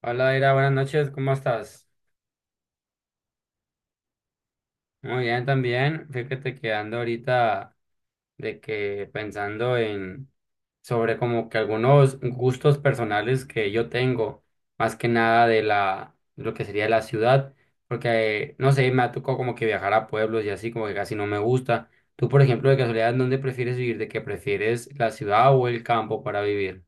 Hola, Ira, buenas noches, ¿cómo estás? Muy bien también. Fíjate que ando ahorita de que pensando en sobre como que algunos gustos personales que yo tengo, más que nada de la lo que sería la ciudad, porque no sé, me ha tocado como que viajar a pueblos y así como que casi no me gusta. Tú, por ejemplo, de casualidad, ¿dónde prefieres vivir? ¿De que prefieres la ciudad o el campo para vivir?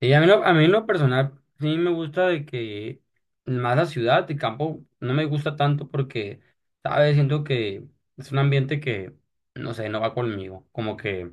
Y a mí, a mí en lo personal sí me gusta de que más la ciudad, el campo no me gusta tanto porque, ¿sabes? Siento que es un ambiente que, no sé, no va conmigo. Como que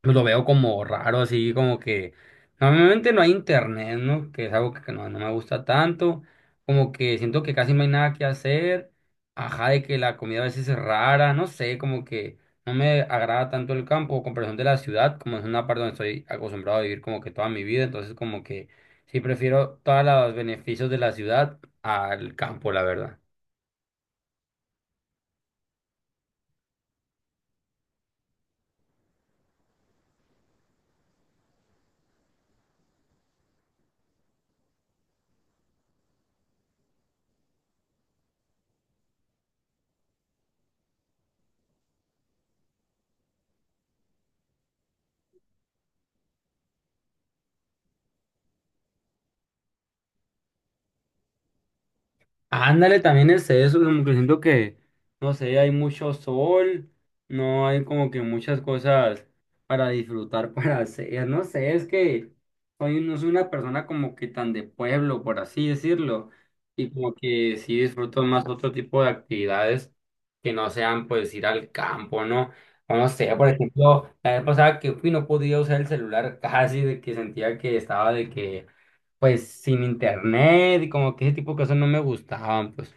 pues lo veo como raro, así como que normalmente no hay internet, ¿no? Que es algo que no, no me gusta tanto, como que siento que casi no hay nada que hacer, ajá, de que la comida a veces es rara, no sé, como que no me agrada tanto el campo o comparación de la ciudad, como es una parte donde estoy acostumbrado a vivir como que toda mi vida, entonces como que sí prefiero todos los beneficios de la ciudad al campo, la verdad. Ándale, también es eso, como que siento que, no sé, hay mucho sol, no hay como que muchas cosas para disfrutar, para hacer, no sé, es que no soy una persona como que tan de pueblo, por así decirlo, y como que sí disfruto más otro tipo de actividades que no sean pues ir al campo, ¿no? O no sé, por ejemplo, la vez pasada que fui no podía usar el celular casi de que sentía que estaba de que pues sin internet y como que ese tipo de cosas no me gustaban, pues.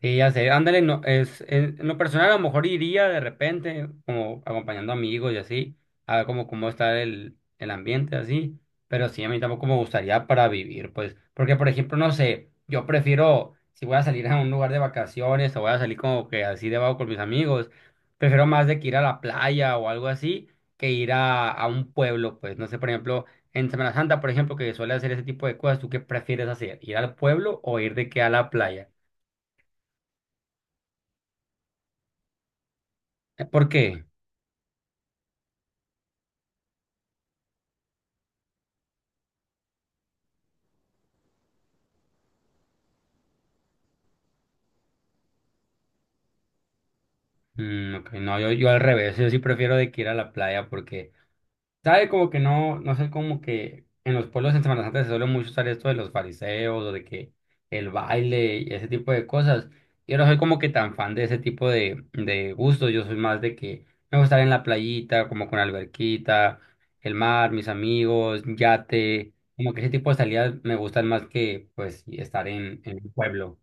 Sí, ya sé, ándale, no, en lo personal a lo mejor iría de repente, como acompañando amigos y así, a ver cómo está el ambiente así, pero sí, a mí tampoco me gustaría para vivir, pues, porque por ejemplo, no sé, yo prefiero, si voy a salir a un lugar de vacaciones o voy a salir como que así de vago con mis amigos, prefiero más de que ir a la playa o algo así, que ir a un pueblo, pues, no sé, por ejemplo, en Semana Santa, por ejemplo, que suele hacer ese tipo de cosas, ¿tú qué prefieres hacer? ¿Ir al pueblo o ir de que a la playa? ¿Por qué? Mm, ok, no, yo al revés, yo sí prefiero de que ir a la playa porque, ¿sabe? Como que no, no sé, como que en los pueblos en Semana Santa se suele mucho usar esto de los fariseos o de que el baile y ese tipo de cosas. Yo no soy como que tan fan de ese tipo de gustos, yo soy más de que me gusta estar en la playita, como con alberquita, el mar, mis amigos, yate, como que ese tipo de salidas me gustan más que pues estar en un pueblo.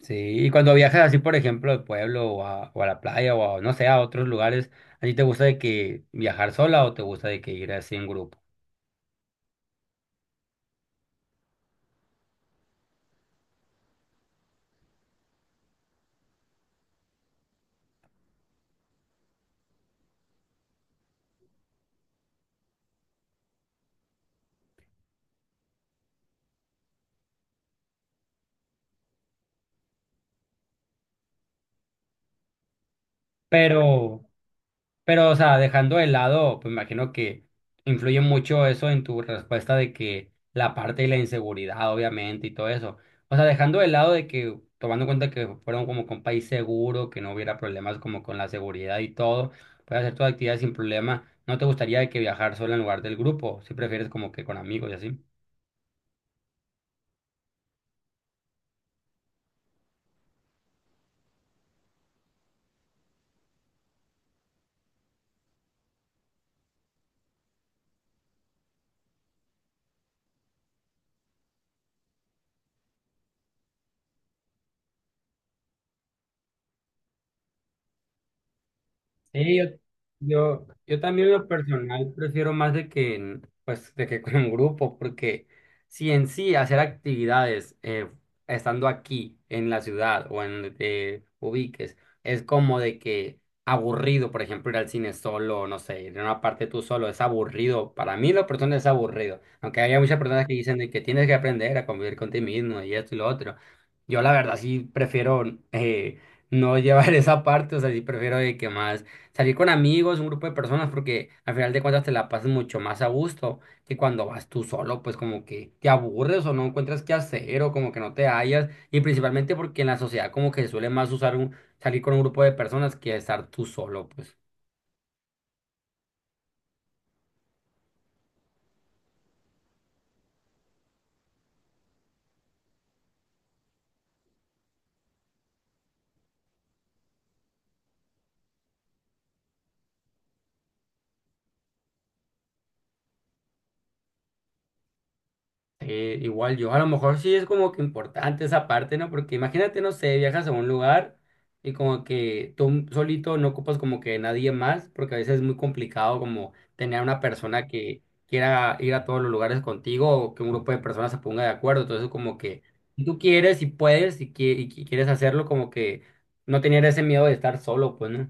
Sí, y cuando viajas así, por ejemplo, al pueblo o o a la playa o a, no sé, a otros lugares, ¿a ti te gusta de que viajar sola o te gusta de que ir así en grupo? Pero, pero o sea, dejando de lado, pues me imagino que influye mucho eso en tu respuesta de que la parte de la inseguridad, obviamente, y todo eso. O sea, dejando de lado de que, tomando en cuenta que fueron como con país seguro, que no hubiera problemas como con la seguridad y todo, puedes hacer tu actividad sin problema. ¿No te gustaría de que viajar sola en lugar del grupo? Si prefieres como que con amigos y así. Sí, yo también en lo personal prefiero más de que, pues, de que con un grupo, porque si en sí hacer actividades estando aquí en la ciudad o en donde te ubiques es como de que aburrido, por ejemplo, ir al cine solo, no sé, ir a una parte tú solo, es aburrido. Para mí lo personal es aburrido, aunque haya muchas personas que dicen de que tienes que aprender a convivir con ti mismo y esto y lo otro. Yo la verdad sí prefiero... eh, no llevar esa parte, o sea, sí prefiero de que más salir con amigos, un grupo de personas, porque al final de cuentas te la pasas mucho más a gusto que cuando vas tú solo, pues como que te aburres o no encuentras qué hacer o como que no te hallas, y principalmente porque en la sociedad como que se suele más usar un, salir con un grupo de personas que estar tú solo, pues. Sí, igual yo, a lo mejor sí es como que importante esa parte, ¿no? Porque imagínate, no sé, viajas a un lugar y como que tú solito no ocupas como que nadie más, porque a veces es muy complicado como tener una persona que quiera ir a todos los lugares contigo o que un grupo de personas se ponga de acuerdo. Entonces como que si tú quieres, si puedes, si quieres hacerlo, como que no tener ese miedo de estar solo, pues, ¿no?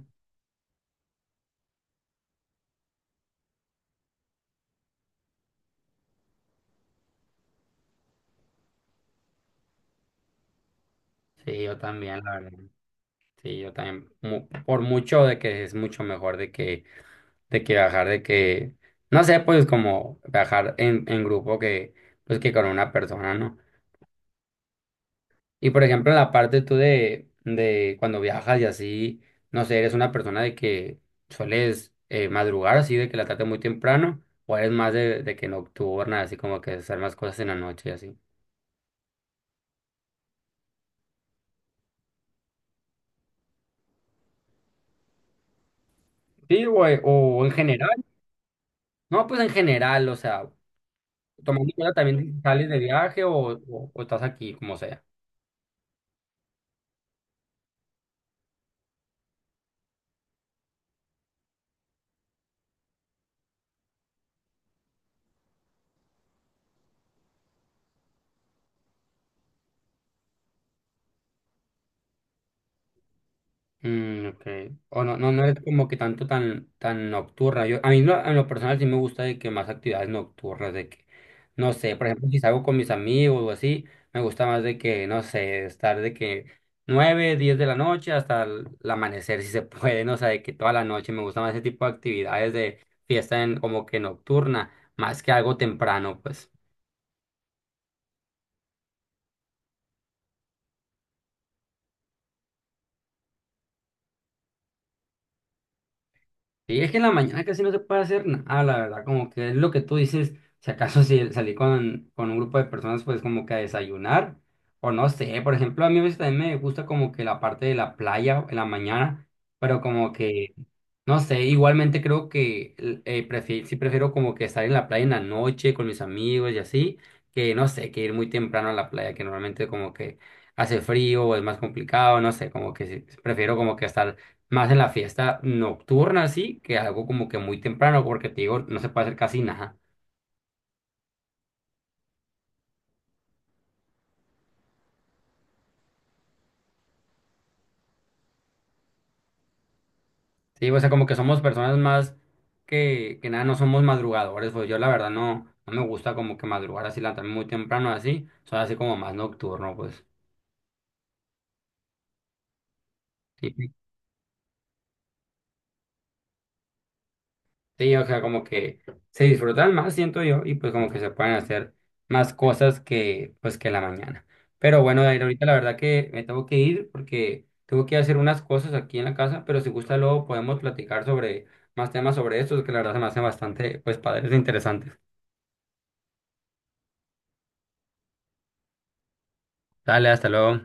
Sí, yo también, la verdad. Sí, yo también. Por mucho de que es mucho mejor de que viajar, de que, no sé, pues como viajar en grupo que, pues que con una persona, ¿no? Y por ejemplo, en la parte tú de cuando viajas y así, no sé, eres una persona de que sueles madrugar así, de que la trate muy temprano, o eres más de que nocturna, así como que hacer más cosas en la noche y así. Sí, güey, o en general, no, pues en general, o sea, tomando en cuenta también si sales de viaje o estás aquí, como sea. Mm, ok. O no, no es como que tan nocturna. Yo, a mí no en lo personal sí me gusta de que más actividades nocturnas, de que, no sé, por ejemplo, si salgo con mis amigos o así, me gusta más de que, no sé, estar de que 9, 10 de la noche hasta el amanecer, si se puede, no sé, de que toda la noche me gusta más ese tipo de actividades de fiesta como que nocturna, más que algo temprano, pues. Y es que en la mañana casi no se puede hacer nada, la verdad, como que es lo que tú dices, si acaso si salí con un grupo de personas, pues como que a desayunar, o no sé, por ejemplo, a mí a veces también me gusta como que la parte de la playa en la mañana, pero como Mm. que no sé, igualmente creo que sí prefiero como que estar en la playa en la noche con mis amigos y así, que no sé, que ir muy temprano a la playa, que normalmente como que hace frío o es más complicado, no sé, como que sí, prefiero como que estar más en la fiesta nocturna así, que algo como que muy temprano, porque te digo, no se puede hacer casi nada. Sí, o sea, como que somos personas más que nada, no somos madrugadores, pues yo la verdad no, no me gusta como que madrugar así, levantarme muy temprano así, soy así como más nocturno, pues. Sí, Sí, o sea, como que se disfrutan más, siento yo, y pues como que se pueden hacer más cosas que pues que la mañana. Pero bueno, Dair, ahorita la verdad que me tengo que ir porque tengo que hacer unas cosas aquí en la casa, pero si gusta luego podemos platicar sobre más temas sobre estos, que la verdad se me hacen bastante pues padres e interesantes. Dale, hasta luego.